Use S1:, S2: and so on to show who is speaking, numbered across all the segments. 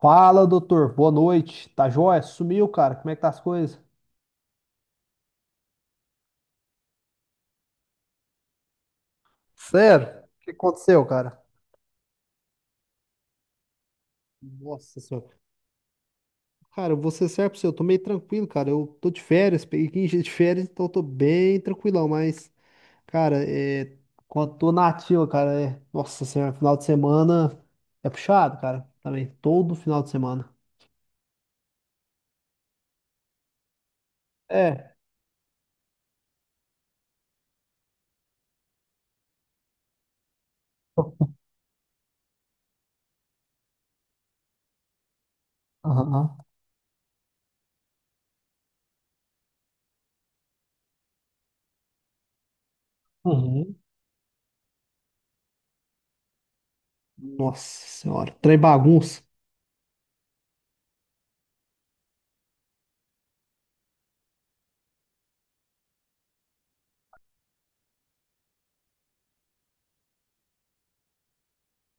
S1: Fala, doutor. Boa noite. Tá jóia? Sumiu, cara. Como é que tá as coisas? Sério? O que aconteceu, cara? Nossa senhora. Cara, eu vou ser sério pra você, eu tô meio tranquilo, cara. Eu tô de férias, peguei 15 dias de férias, então eu tô bem tranquilão, mas, cara, quando tô na ativa, cara, nossa senhora, final de semana é puxado, cara. Também, todo final de semana. É. Aham. Uhum. Nossa senhora, trem bagunça.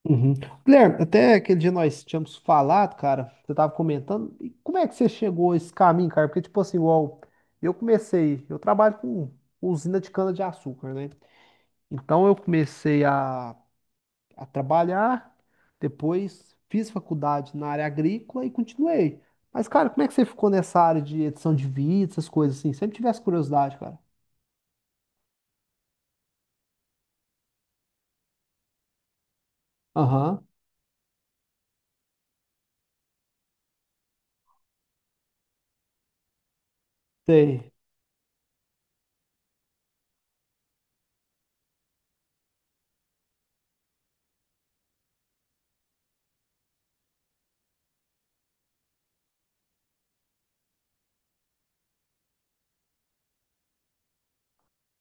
S1: Uhum. Guilherme, até aquele dia nós tínhamos falado, cara, você tava comentando, e como é que você chegou a esse caminho, cara? Porque, tipo assim, igual, eu comecei, eu trabalho com usina de cana-de-açúcar, né? Então eu comecei a trabalhar, depois fiz faculdade na área agrícola e continuei. Mas, cara, como é que você ficou nessa área de edição de vídeo, essas coisas assim? Sempre tive essa curiosidade, cara. Aham, sei.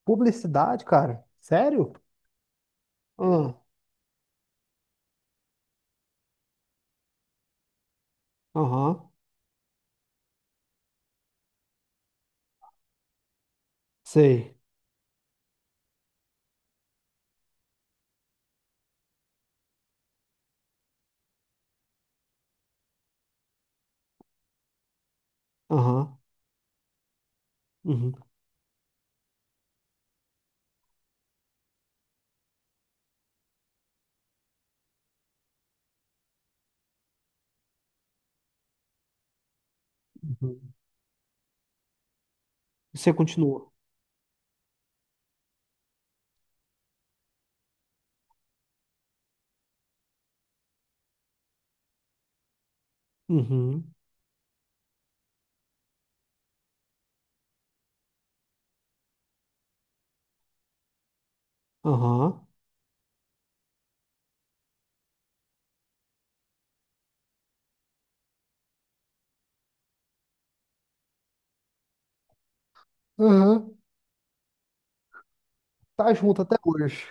S1: Publicidade, cara? Sério? Ah, aham, sei. Aham. Uhum, uhum. Você continuou. Uhum, aham, aham. Tá junto até hoje.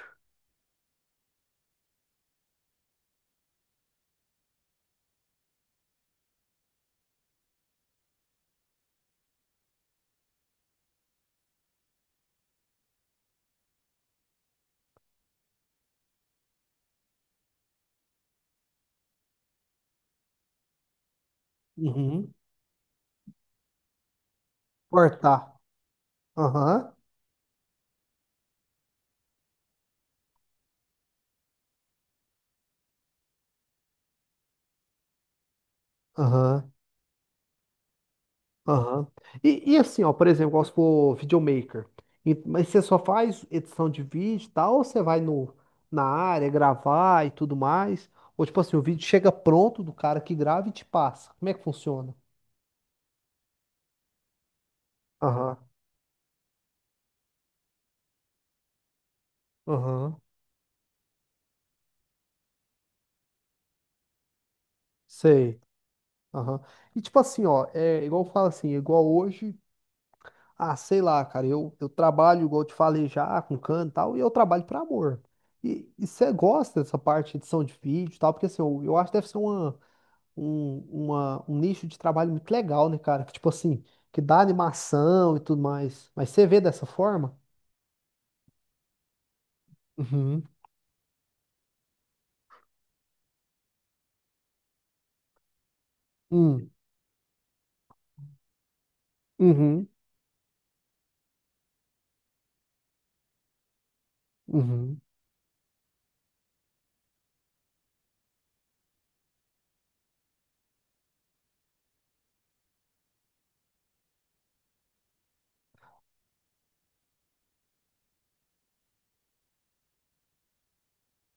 S1: Uhum, cortar. Aham. Aham. Aham. E assim, ó, por exemplo, igual se for videomaker. Mas você só faz edição de vídeo e tal, ou você vai no, na área gravar e tudo mais? Ou tipo assim, o vídeo chega pronto do cara que grava e te passa. Como é que funciona? Aham. Aham. Sei. Aham. E tipo assim, ó, é igual eu falo assim, igual hoje. Ah, sei lá, cara, eu trabalho, igual eu te falei já, com canto e tal, e eu trabalho por amor. E você gosta dessa parte de edição de vídeo e tal, porque assim, eu acho que deve ser um nicho de trabalho muito legal, né, cara? Que tipo assim, que dá animação e tudo mais. Mas você vê dessa forma? Uhum. Hum, uhum, uhum.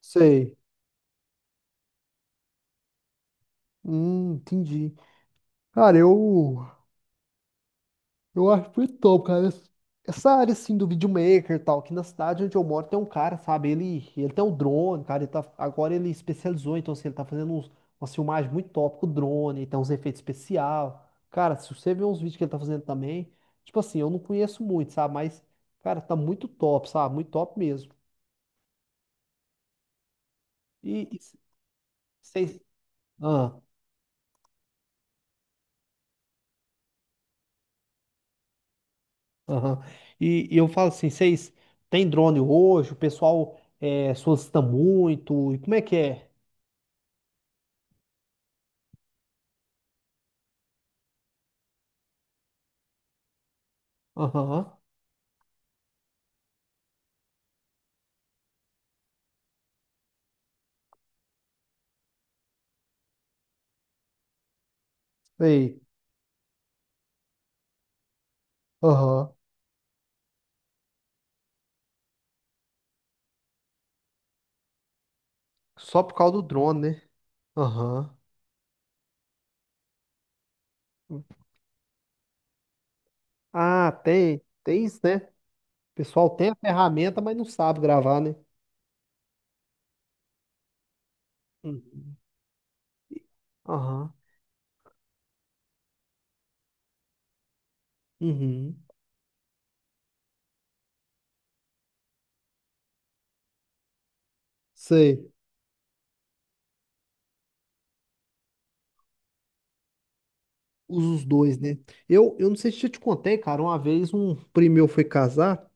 S1: Sei. Entendi. Cara, eu. Eu acho muito top, cara. Essa área, assim, do videomaker e tal, aqui na cidade onde eu moro tem um cara, sabe? Ele tem um drone, cara. Ele tá, agora ele especializou, então, assim, ele tá fazendo umas filmagens muito top com o drone, tem uns efeitos especial. Cara, se você ver uns vídeos que ele tá fazendo também, tipo assim, eu não conheço muito, sabe? Mas, cara, tá muito top, sabe? Muito top mesmo. E, e c- vocês... Ah, aham. E eu falo assim, vocês têm drone hoje? O pessoal solicita muito? E como é que é? Aham. Sei. Aham. Só por causa do drone, né? Aham. Ah, tem. Tem isso, né? O pessoal tem a ferramenta, mas não sabe gravar, né? Uhum. Aham. Uhum. Sei. Usa os dois, né? Eu não sei se eu te contei, cara. Uma vez um primo meu foi casar.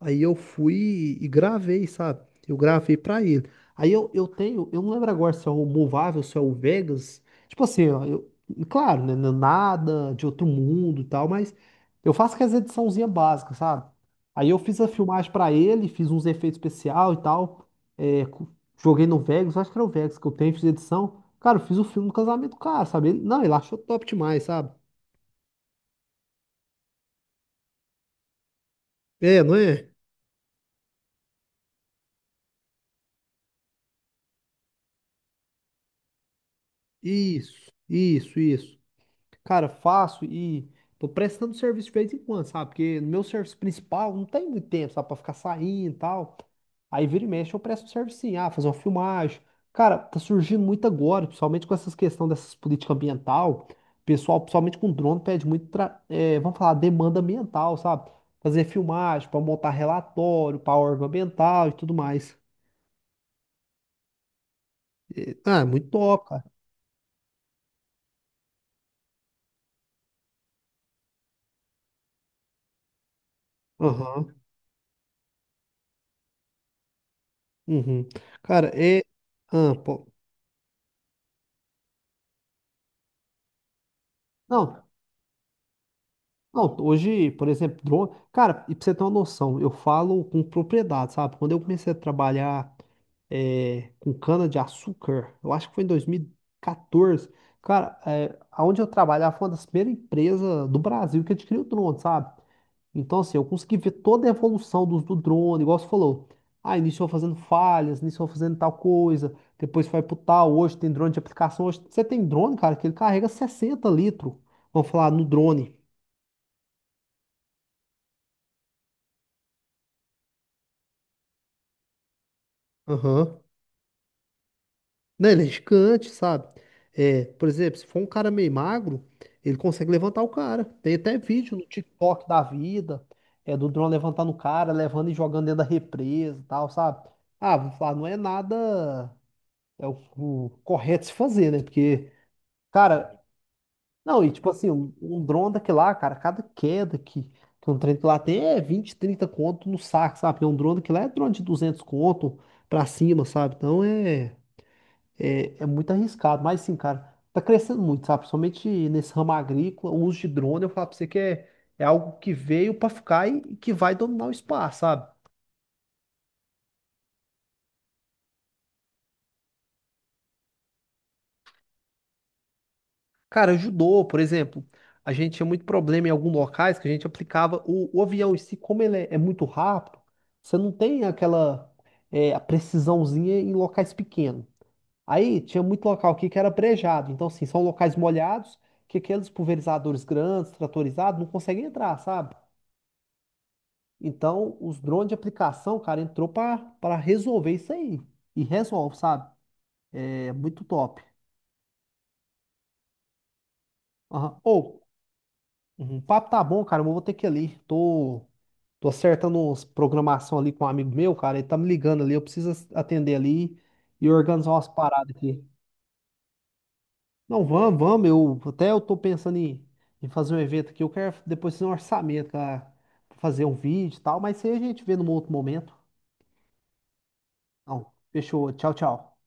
S1: Aí eu fui e gravei, sabe? Eu gravei pra ele. Aí eu não lembro agora se é o Movável, se é o Vegas. Tipo assim, ó, claro, né? Não é nada de outro mundo e tal, mas eu faço aquelas ediçãozinhas básica, sabe? Aí eu fiz a filmagem pra ele, fiz uns efeitos especial e tal. é, co- Joguei no Vegas, acho que era o Vegas que eu tenho, fiz edição. Cara, eu fiz o filme do casamento do cara, sabe? Ele- não, ele achou top demais, sabe? É, não é? Isso, isso, isso. Cara, faço e tô prestando serviço de vez em quando, sabe? Porque no meu serviço principal não tem muito tempo, sabe? Pra ficar saindo e tal. Aí vira e mexe, eu presto um serviço sim. Ah, fazer uma filmagem. Cara, tá surgindo muito agora, principalmente com essas questões dessas políticas ambiental. Pessoal, principalmente com drone, pede muito, vamos falar, demanda ambiental, sabe? Fazer filmagem, pra montar relatório, pra órgão ambiental e tudo mais. Ah, é muito top, cara. Aham. Uhum. Cara, é. Ah, pô. Não, não, hoje, por exemplo, drone. Cara, e pra você ter uma noção, eu falo com propriedade, sabe? Quando eu comecei a trabalhar com cana-de-açúcar, eu acho que foi em 2014. Cara, é, aonde eu trabalhava foi uma das primeiras empresas do Brasil que adquiriu drone, sabe? Então, assim, eu consegui ver toda a evolução do drone, igual você falou. Ah, iniciou fazendo falhas, iniciou fazendo tal coisa, depois foi pro tal. Hoje tem drone de aplicação. Hoje você tem drone, cara, que ele carrega 60 litros, vamos falar, no drone. Aham. Não, ele é gigante, sabe? É, por exemplo, se for um cara meio magro, ele consegue levantar o cara. Tem até vídeo no TikTok da vida, é do drone levantando o cara, levando e jogando dentro da represa e tal, sabe? Ah, vou falar, não é nada é o correto se fazer, né? Porque, cara, não, e tipo assim, um drone daquele lá, cara, cada queda que um trem que lá tem é 20, 30 conto no saco, sabe? Porque um drone daquele lá é drone de 200 conto pra cima, sabe? Então é. É muito arriscado, mas sim, cara, tá crescendo muito, sabe? Principalmente nesse ramo agrícola, o uso de drone, eu falo pra você que é algo que veio pra ficar e que vai dominar o espaço, sabe? Cara, ajudou, por exemplo, a gente tinha muito problema em alguns locais que a gente aplicava o avião em si, como ele é muito rápido, você não tem aquela a precisãozinha em locais pequenos. Aí tinha muito local aqui que era brejado, então assim, são locais molhados que aqueles pulverizadores grandes, tratorizados, não conseguem entrar, sabe? Então, os drones de aplicação, cara, entrou pra para resolver isso aí. E resolve, sabe? É muito top. Aham. Ô, uhum, o papo tá bom, cara, mas eu vou ter que ir ali. Tô acertando uns programação ali com um amigo meu, cara. Ele tá me ligando ali. Eu preciso atender ali e organizar umas paradas aqui. Não, vamos, vamos. Até eu tô pensando em, fazer um evento aqui. Eu quero depois fazer um orçamento, cara, pra fazer um vídeo e tal. Mas isso aí a gente vê num outro momento. Não, fechou. Tchau, tchau.